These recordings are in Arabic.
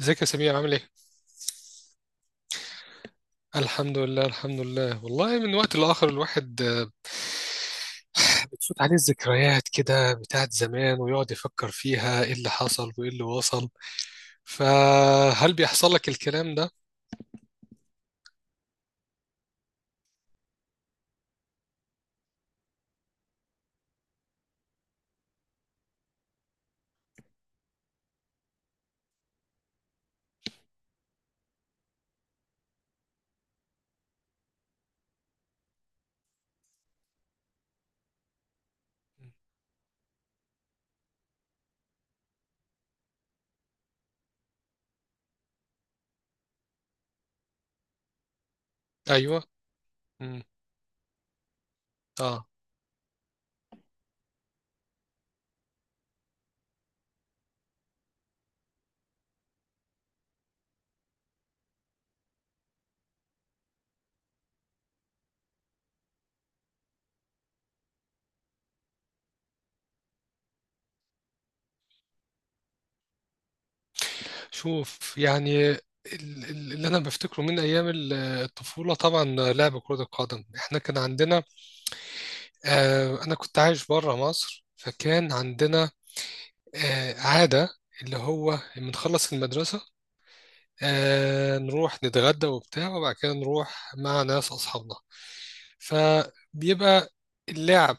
ازيك يا سمير، عامل ايه؟ الحمد لله، الحمد لله، والله من وقت لآخر الواحد بتفوت عليه الذكريات كده بتاعت زمان ويقعد يفكر فيها ايه اللي حصل وايه اللي وصل. فهل بيحصل لك الكلام ده؟ ايوه. مم. اه. شوف، يعني اللي انا بفتكره من ايام الطفوله، طبعا لعب كره القدم. احنا كان عندنا انا كنت عايش بره مصر، فكان عندنا عاده اللي هو بنخلص المدرسه نروح نتغدى وبتاع، وبعد كده نروح مع ناس أصحابنا. فبيبقى اللعب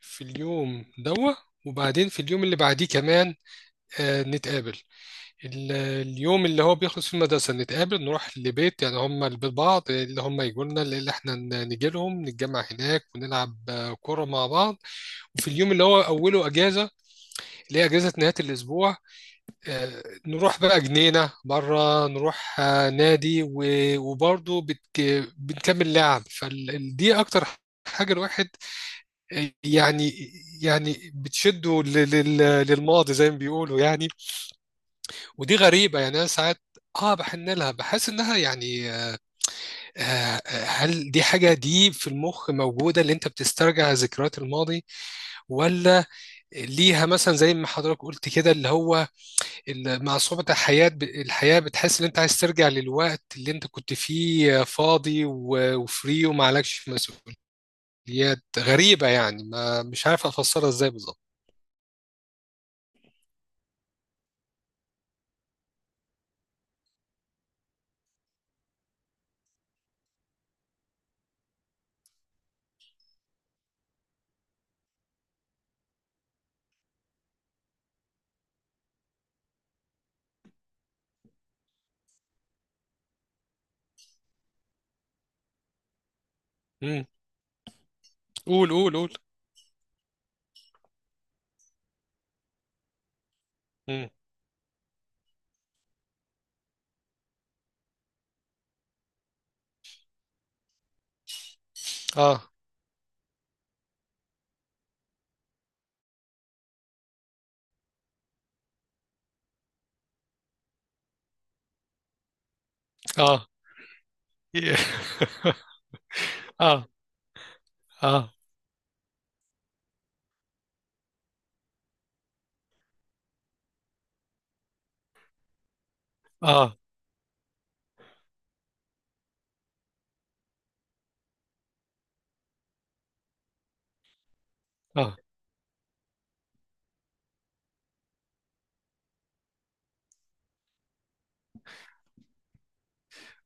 في اليوم دوا، وبعدين في اليوم اللي بعديه كمان نتقابل. اليوم اللي هو بيخلص فيه المدرسة نتقابل نروح لبيت، يعني هم البيت بعض، اللي هم يجوا لنا اللي احنا نجي لهم، نتجمع هناك ونلعب كورة مع بعض. وفي اليوم اللي هو أوله أجازة، اللي هي أجازة نهاية الأسبوع، نروح بقى جنينة، مرة نروح نادي، وبرضه بنكمل لعب. فدي أكتر حاجة الواحد يعني بتشده للماضي زي ما بيقولوا يعني. ودي غريبة، يعني أنا ساعات اه بحن لها، بحس انها يعني هل دي حاجة دي في المخ موجودة اللي انت بتسترجع ذكريات الماضي؟ ولا ليها مثلا زي ما حضرتك قلت كده، اللي هو مع صعوبة الحياة، الحياة بتحس إن أنت عايز ترجع للوقت اللي أنت كنت فيه فاضي وفري وما عليكش مسؤوليات. غريبة، يعني ما مش عارف أفسرها إزاي بالظبط. مم. قول قول قول. مم. آه. آه. آه. آه. آه. آه.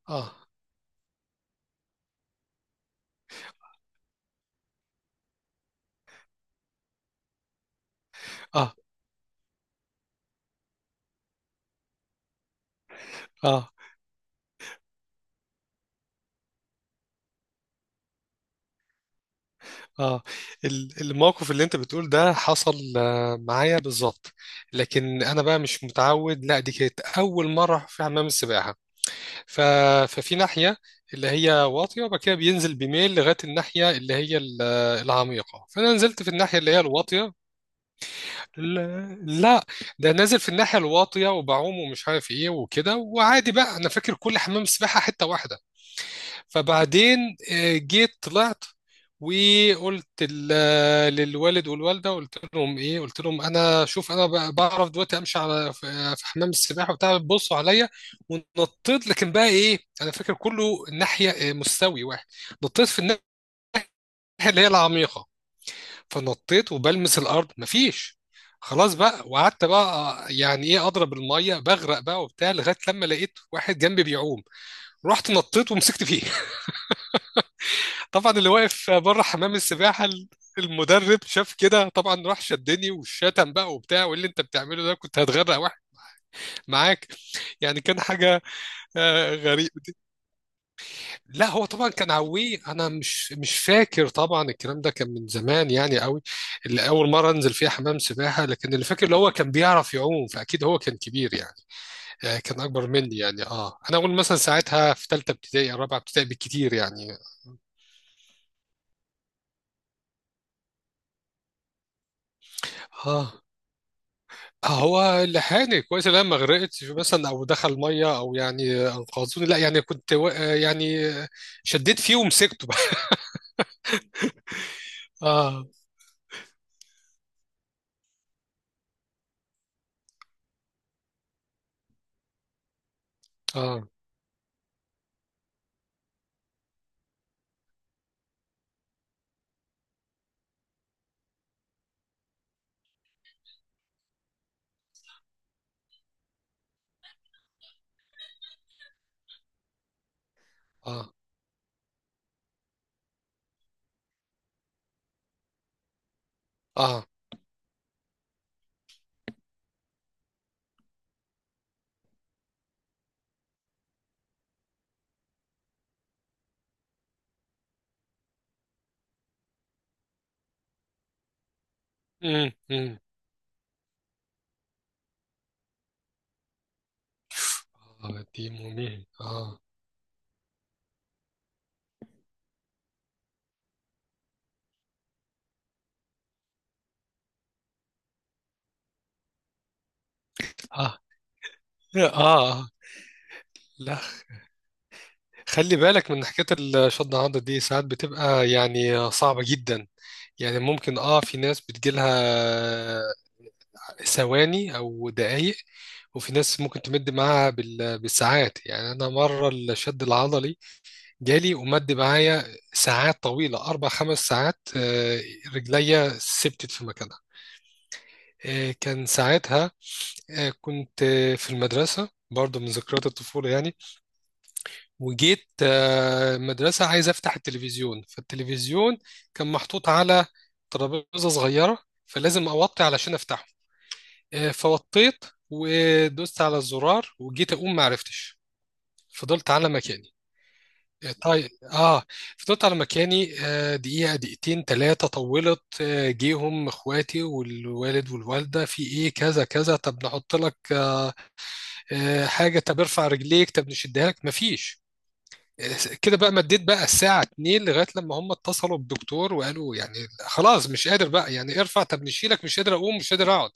آه. آه. آه. آه. الموقف اللي أنت بتقول ده حصل معايا بالظبط. لكن أنا بقى مش متعود، لا دي كانت أول مرة في حمام السباحة. ف... ففي ناحية اللي هي واطية، وبعد كده بينزل بميل لغاية الناحية اللي هي العميقة. فأنا نزلت في الناحية اللي هي الواطية. لا لا، ده نازل في الناحية الواطية وبعوم ومش عارف ايه وكده وعادي بقى، أنا فاكر كل حمام سباحة حتة واحدة. فبعدين جيت طلعت وقلت للوالد والوالده، قلت لهم ايه، قلت لهم انا شوف انا بعرف دلوقتي امشي على في حمام السباحه وبتاع، بصوا عليا. ونطيت، لكن بقى ايه، انا فاكر كله ناحيه مستوي واحد. نطيت في الناحيه اللي هي العميقه، فنطيت وبلمس الارض مفيش. خلاص بقى، وقعدت بقى يعني ايه اضرب الميه بغرق بقى وبتاع، لغايه لما لقيت واحد جنبي بيعوم، رحت نطيت ومسكت فيه. طبعا اللي واقف بره حمام السباحه المدرب شاف كده طبعا، راح شدني والشتم بقى وبتاع، وايه اللي انت بتعمله ده، كنت هتغرق واحد معاك. يعني كان حاجه غريبه دي. لا هو طبعا كان عويه، انا مش فاكر طبعا، الكلام ده كان من زمان يعني قوي، اللي اول مره انزل فيها حمام سباحه. لكن اللي فاكر اللي هو كان بيعرف يعوم، فاكيد هو كان كبير يعني. كان اكبر مني يعني. اه انا اقول مثلا ساعتها في ثالثه ابتدائي او رابعه ابتدائي بالكتير يعني. اه، هو لحقني كويس ان انا ما غرقتش مثلا او دخل ميه، او يعني انقذوني لا، يعني كنت يعني شديت فيه ومسكته بقى. اه. اه. اه. اه. امم. امم. اه، دي مميت. اه. اه. اه. لا، خلي بالك من حكايه الشد عضة دي، ساعات بتبقى يعني صعبه جدا. يعني ممكن في ناس بتجيلها ثواني او دقايق، وفي ناس ممكن تمد معاها بالساعات. يعني انا مره الشد العضلي جالي ومد معايا ساعات طويلة، 4 5 ساعات. رجليا ثبتت في مكانها. كان ساعتها كنت في المدرسة برضه، من ذكريات الطفولة يعني. وجيت المدرسة عايز أفتح التلفزيون، فالتلفزيون كان محطوط على ترابيزة صغيرة، فلازم أوطي علشان أفتحه. فوطيت ودوست على الزرار، وجيت أقوم معرفتش. فضلت على مكاني. طيب، فضلت على مكاني دقيقة دقيقتين ثلاثة، طولت. جيهم اخواتي والوالد والوالدة في ايه كذا كذا، طب نحط لك حاجة، طب ارفع رجليك، طب نشدها لك، مفيش. آه، كده بقى، مديت بقى الساعة 2 لغاية لما هم اتصلوا بالدكتور وقالوا يعني خلاص مش قادر بقى يعني ارفع، طب نشيلك، مش قادر اقوم مش قادر اقعد.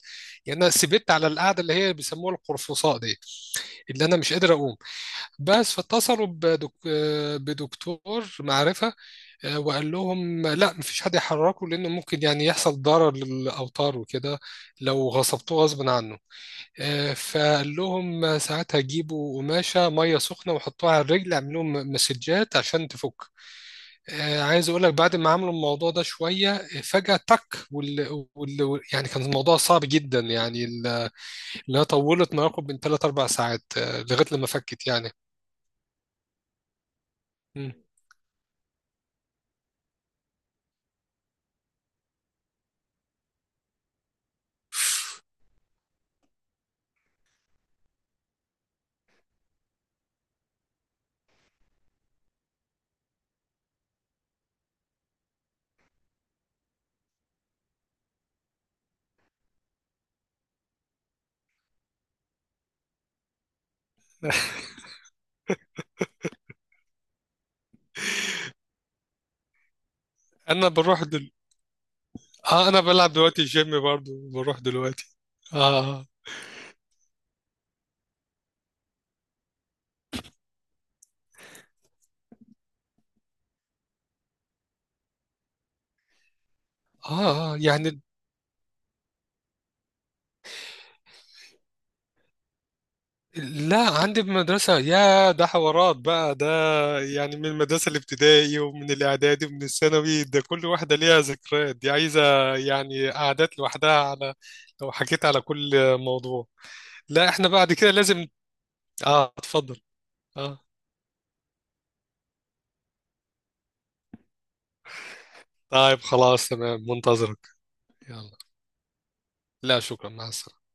يعني انا سبت على القعدة اللي هي بيسموها القرفصاء دي، اللي انا مش قادر اقوم بس. فاتصلوا بدكتور معرفة، وقال لهم لا مفيش حد يحركه، لأنه ممكن يعني يحصل ضرر للأوتار وكده لو غصبتوه غصب عنه. فقال لهم ساعتها جيبوا قماشة مية سخنة وحطوها على الرجل، اعملوا لهم مسجات عشان تفك. عايز اقول لك بعد ما عملوا الموضوع ده شويه فجاه تك. يعني كان الموضوع صعب جدا، يعني اللي هي طولت ما يقرب من 3 4 ساعات لغايه لما فكت يعني. مم. انا بروح دل... اه انا بلعب دلوقتي جيم برضو، بروح دلوقتي. آه يعني لا، عندي بمدرسة يا، ده حوارات بقى ده، يعني من المدرسة الابتدائي ومن الإعدادي ومن الثانوي، ده كل واحدة ليها ذكريات، دي عايزة يعني قعدات لوحدها. على لو حكيت على كل موضوع لا، احنا بعد كده لازم. آه، اتفضل. آه، طيب، خلاص تمام، منتظرك. يلا. لا شكرا، مع السلامة.